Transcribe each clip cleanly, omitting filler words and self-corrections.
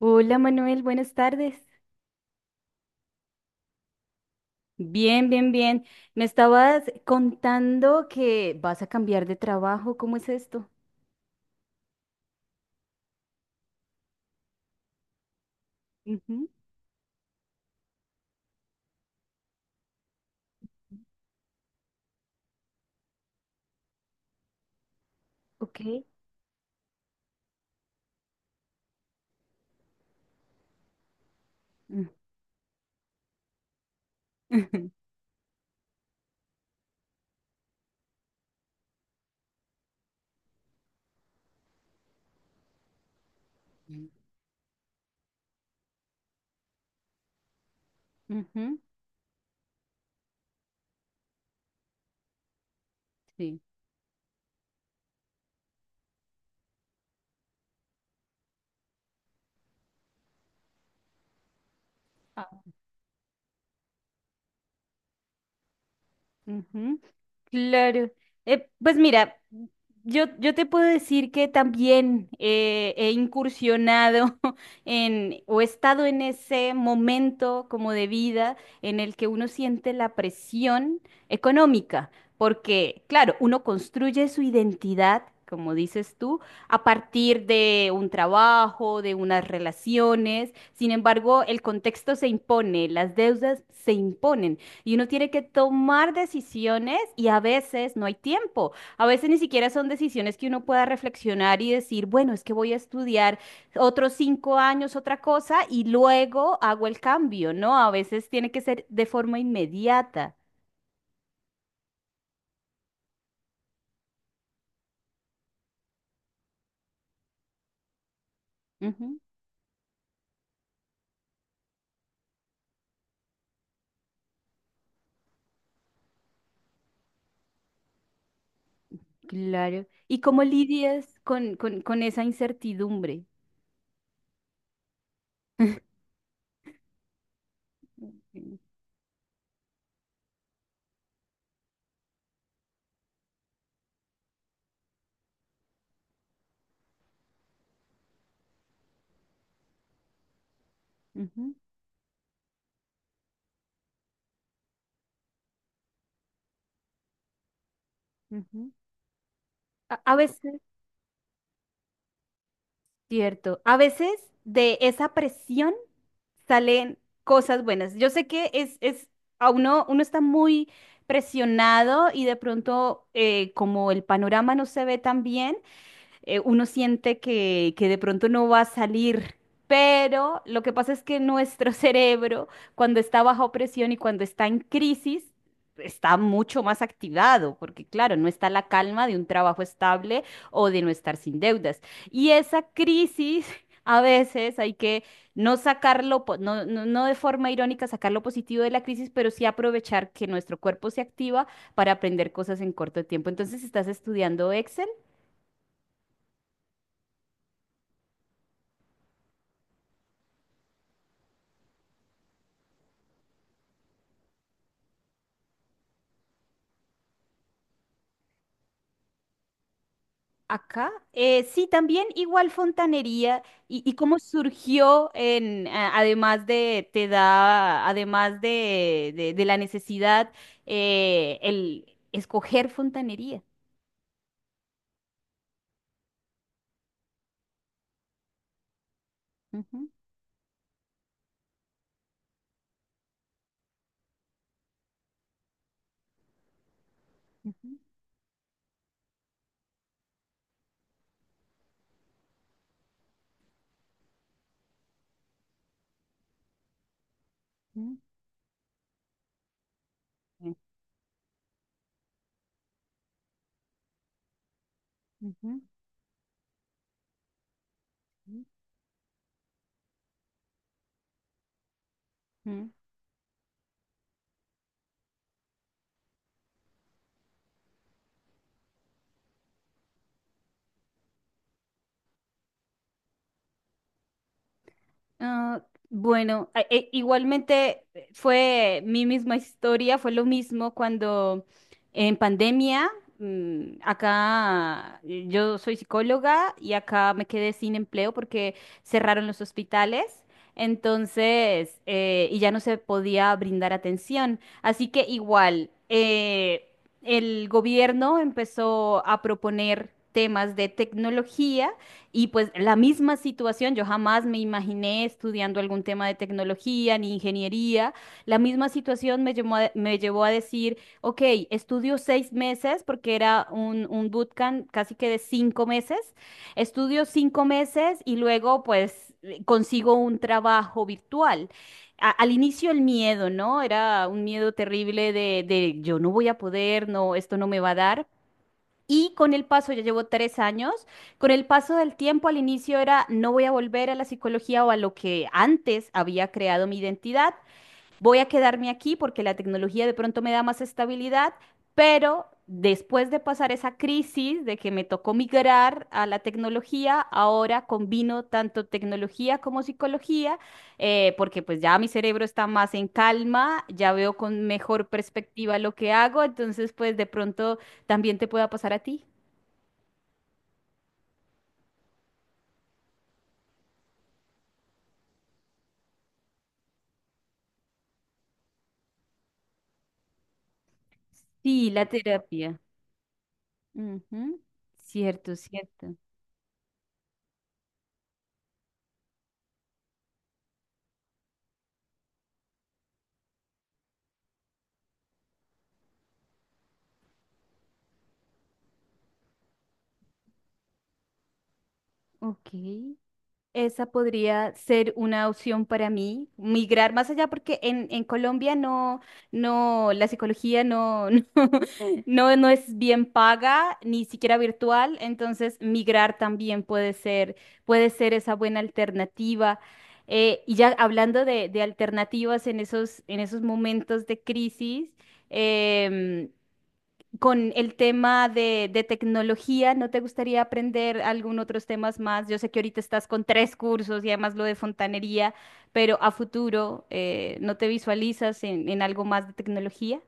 Hola Manuel, buenas tardes. Bien, bien, bien. Me estabas contando que vas a cambiar de trabajo. ¿Cómo es esto? Ujú. Ok. Mm. Ujú, sí. Ah. Claro. Pues mira, yo te puedo decir que también he incursionado o he estado en ese momento como de vida en el que uno siente la presión económica, porque claro, uno construye su identidad, como dices tú, a partir de un trabajo, de unas relaciones. Sin embargo, el contexto se impone, las deudas se imponen. Y uno tiene que tomar decisiones y a veces no hay tiempo. A veces ni siquiera son decisiones que uno pueda reflexionar y decir, bueno, es que voy a estudiar otros 5 años otra cosa y luego hago el cambio, ¿no? A veces tiene que ser de forma inmediata. Ujú, claro. ¿Y cómo lidias con esa incertidumbre? Ujú, ujú. A veces. Cierto. A veces de esa presión salen cosas buenas. Yo sé que a uno está muy presionado y de pronto como el panorama no se ve tan bien, uno siente que de pronto no va a salir. Pero lo que pasa es que nuestro cerebro, cuando está bajo presión y cuando está en crisis, está mucho más activado, porque claro, no está la calma de un trabajo estable o de no estar sin deudas. Y esa crisis, a veces hay que no sacarlo, no, no, no de forma irónica sacar lo positivo de la crisis, pero sí aprovechar que nuestro cuerpo se activa para aprender cosas en corto tiempo. Entonces, ¿estás estudiando Excel? Acá, sí, también igual fontanería y cómo surgió además de, te da, además de la necesidad, el escoger fontanería. Ujú, ujú, ujú, ujú, ujú, ujú. Ah, bueno, igualmente fue mi misma historia, fue lo mismo cuando en pandemia, mm, acá yo soy psicóloga y acá me quedé sin empleo porque cerraron los hospitales, entonces, y ya no se podía brindar atención. Así que igual, el gobierno empezó a proponer temas de tecnología y pues la misma situación, yo jamás me imaginé estudiando algún tema de tecnología ni ingeniería. La misma situación me llevó a decir, ok, estudio 6 meses porque era un bootcamp casi que de 5 meses. Estudio cinco meses y luego pues consigo un trabajo virtual al inicio el miedo, ¿no? Era un miedo terrible de yo no voy a poder, no, esto no me va a dar. Y con el paso, ya llevo 3 años, con el paso del tiempo al inicio era, no voy a volver a la psicología o a lo que antes había creado mi identidad, voy a quedarme aquí porque la tecnología de pronto me da más estabilidad, pero después de pasar esa crisis de que me tocó migrar a la tecnología, ahora combino tanto tecnología como psicología, porque pues ya mi cerebro está más en calma, ya veo con mejor perspectiva lo que hago, entonces pues de pronto también te pueda pasar a ti. Sí, la terapia. Ujú. Cierto, cierto. Ok. Esa podría ser una opción para mí, migrar más allá, porque en Colombia no, no, la psicología no, no, no, no es bien paga, ni siquiera virtual, entonces migrar también puede ser esa buena alternativa. Y ya hablando de alternativas en esos momentos de crisis, em, con el tema de tecnología, ¿no te gustaría aprender algún otros temas más? Yo sé que ahorita estás con tres cursos y además lo de fontanería, pero a futuro, ¿no te visualizas en algo más de tecnología?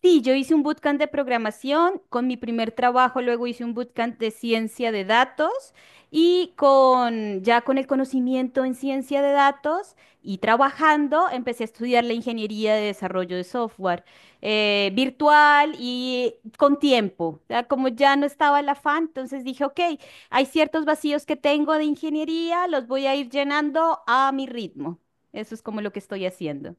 Sí, yo hice un bootcamp de programación con mi primer trabajo, luego hice un bootcamp de ciencia de datos y con ya con el conocimiento en ciencia de datos y trabajando, empecé a estudiar la ingeniería de desarrollo de software virtual y con tiempo. O sea, como ya no estaba el afán, entonces dije, ok, hay ciertos vacíos que tengo de ingeniería, los voy a ir llenando a mi ritmo. Eso es como lo que estoy haciendo.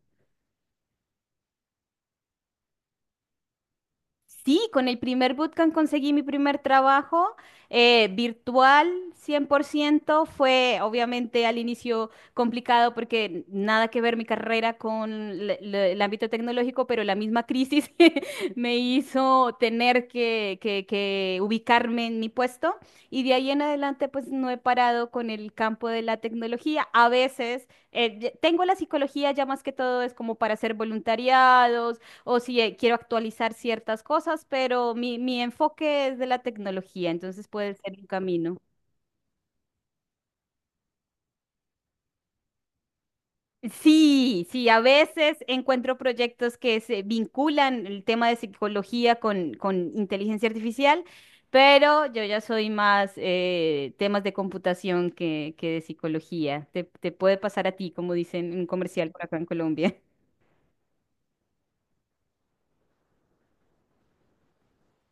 Sí, con el primer bootcamp conseguí mi primer trabajo virtual 100%. Fue obviamente al inicio complicado porque nada que ver mi carrera con el ámbito tecnológico, pero la misma crisis me hizo tener que ubicarme en mi puesto. Y de ahí en adelante pues no he parado con el campo de la tecnología. A veces tengo la psicología ya más que todo es como para hacer voluntariados o si quiero actualizar ciertas cosas, pero mi enfoque es de la tecnología, entonces puede ser un camino. Sí, sí, a veces encuentro proyectos que se vinculan el tema de psicología con inteligencia artificial, pero yo ya soy más temas de computación que de psicología. Te puede pasar a ti, como dicen en un comercial por acá en Colombia.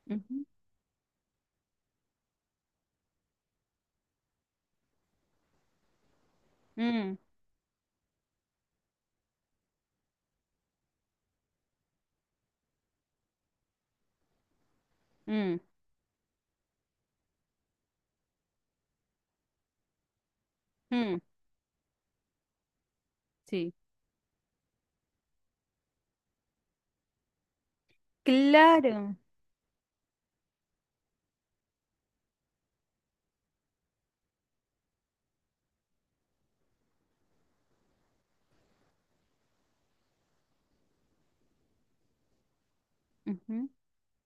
Ujú. Mm, mm, mm, sí. Claro. Ujú.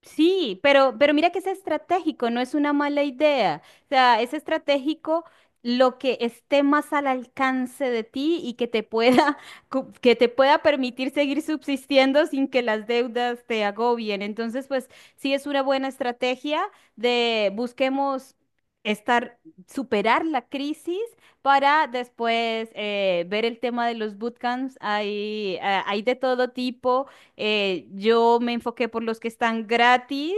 Sí, pero mira que es estratégico, no es una mala idea. O sea, es estratégico lo que esté más al alcance de ti y que te pueda, que te pueda permitir seguir subsistiendo sin que las deudas te agobien. Entonces, pues sí es una buena estrategia de busquemos estar, superar la crisis para después ver el tema de los bootcamps. Hay de todo tipo, yo me enfoqué por los que están gratis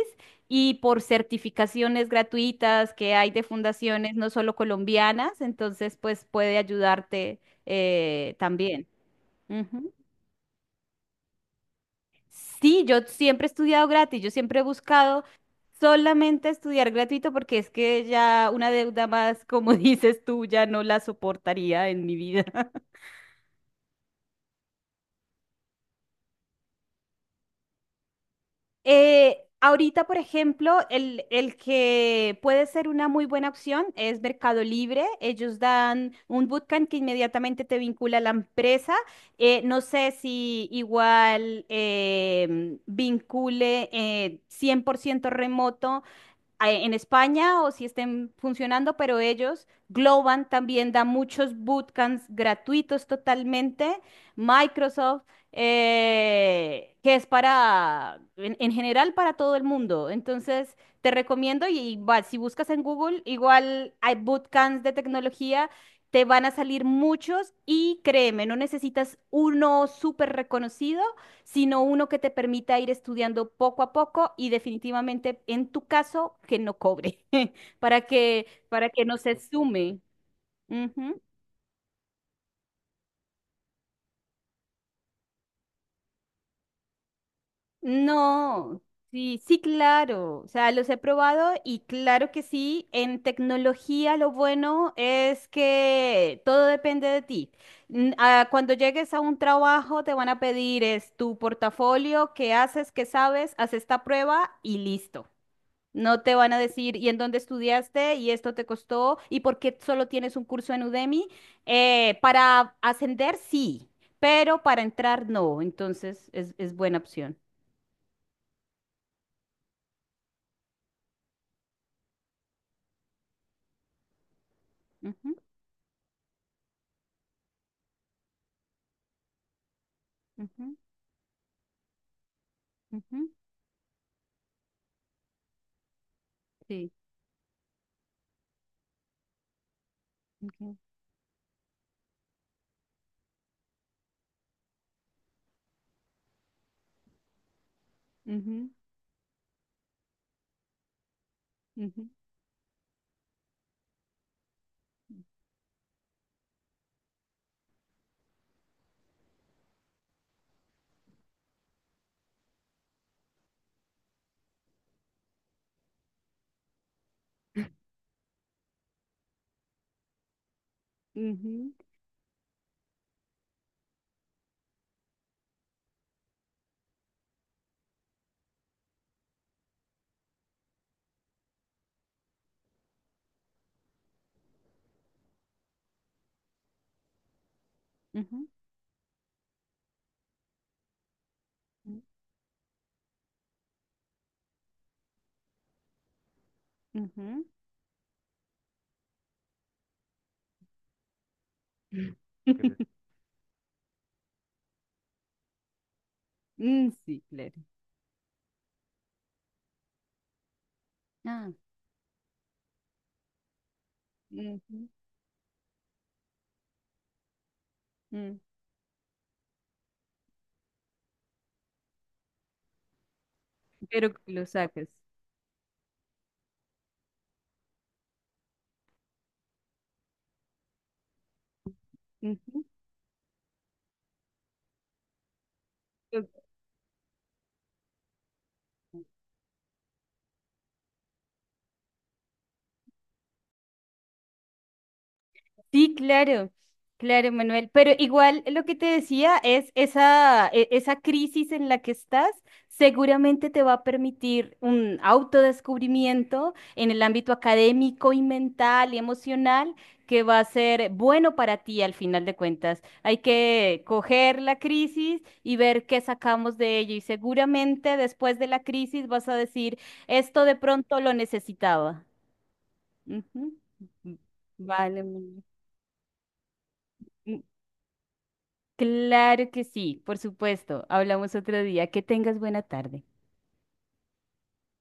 y por certificaciones gratuitas que hay de fundaciones no solo colombianas, entonces pues puede ayudarte también. Ujú. Sí, yo siempre he estudiado gratis, yo siempre he buscado solamente estudiar gratuito porque es que ya una deuda más, como dices tú, ya no la soportaría en mi vida. Ahorita, por ejemplo, el que puede ser una muy buena opción es Mercado Libre. Ellos dan un bootcamp que inmediatamente te vincula a la empresa. No sé si igual vincule 100% remoto en España o si estén funcionando, pero ellos, Globan también da muchos bootcamps gratuitos totalmente. Microsoft, que es en general, para todo el mundo. Entonces, te recomiendo si buscas en Google, igual hay bootcamps de tecnología. Te van a salir muchos y créeme, no necesitas uno súper reconocido, sino uno que te permita ir estudiando poco a poco y definitivamente en tu caso que no cobre, para que no se sume. Ujú. No, sí, sí, claro. O sea, los he probado y claro que sí, en tecnología lo bueno es que todo depende de ti. Cuando llegues a un trabajo te van a pedir es tu portafolio, qué haces, qué sabes, haz esta prueba y listo. No te van a decir, ¿y en dónde estudiaste? ¿Y esto te costó? ¿Y por qué solo tienes un curso en Udemy? Para ascender, sí, pero para entrar, no. Entonces, es buena opción. Ujú, ujú, ujú, sí. Ok, ujú, ujú, ujú, ujú, u- ujú. Qué- Mm, sí, claro. Ah, ujú, mm. Pero que lo sacas. Ujú, ok. Sí, claro, claro, Manuel. Pero igual lo que te decía es esa crisis en la que estás seguramente te va a permitir un autodescubrimiento en el ámbito académico y mental y emocional que va a ser bueno para ti al final de cuentas. Hay que coger la crisis y ver qué sacamos de ello. Y seguramente después de la crisis vas a decir, esto de pronto lo necesitaba. Ujú. Vale, Manuel. Claro que sí, por supuesto. Hablamos otro día. Que tengas buena tarde.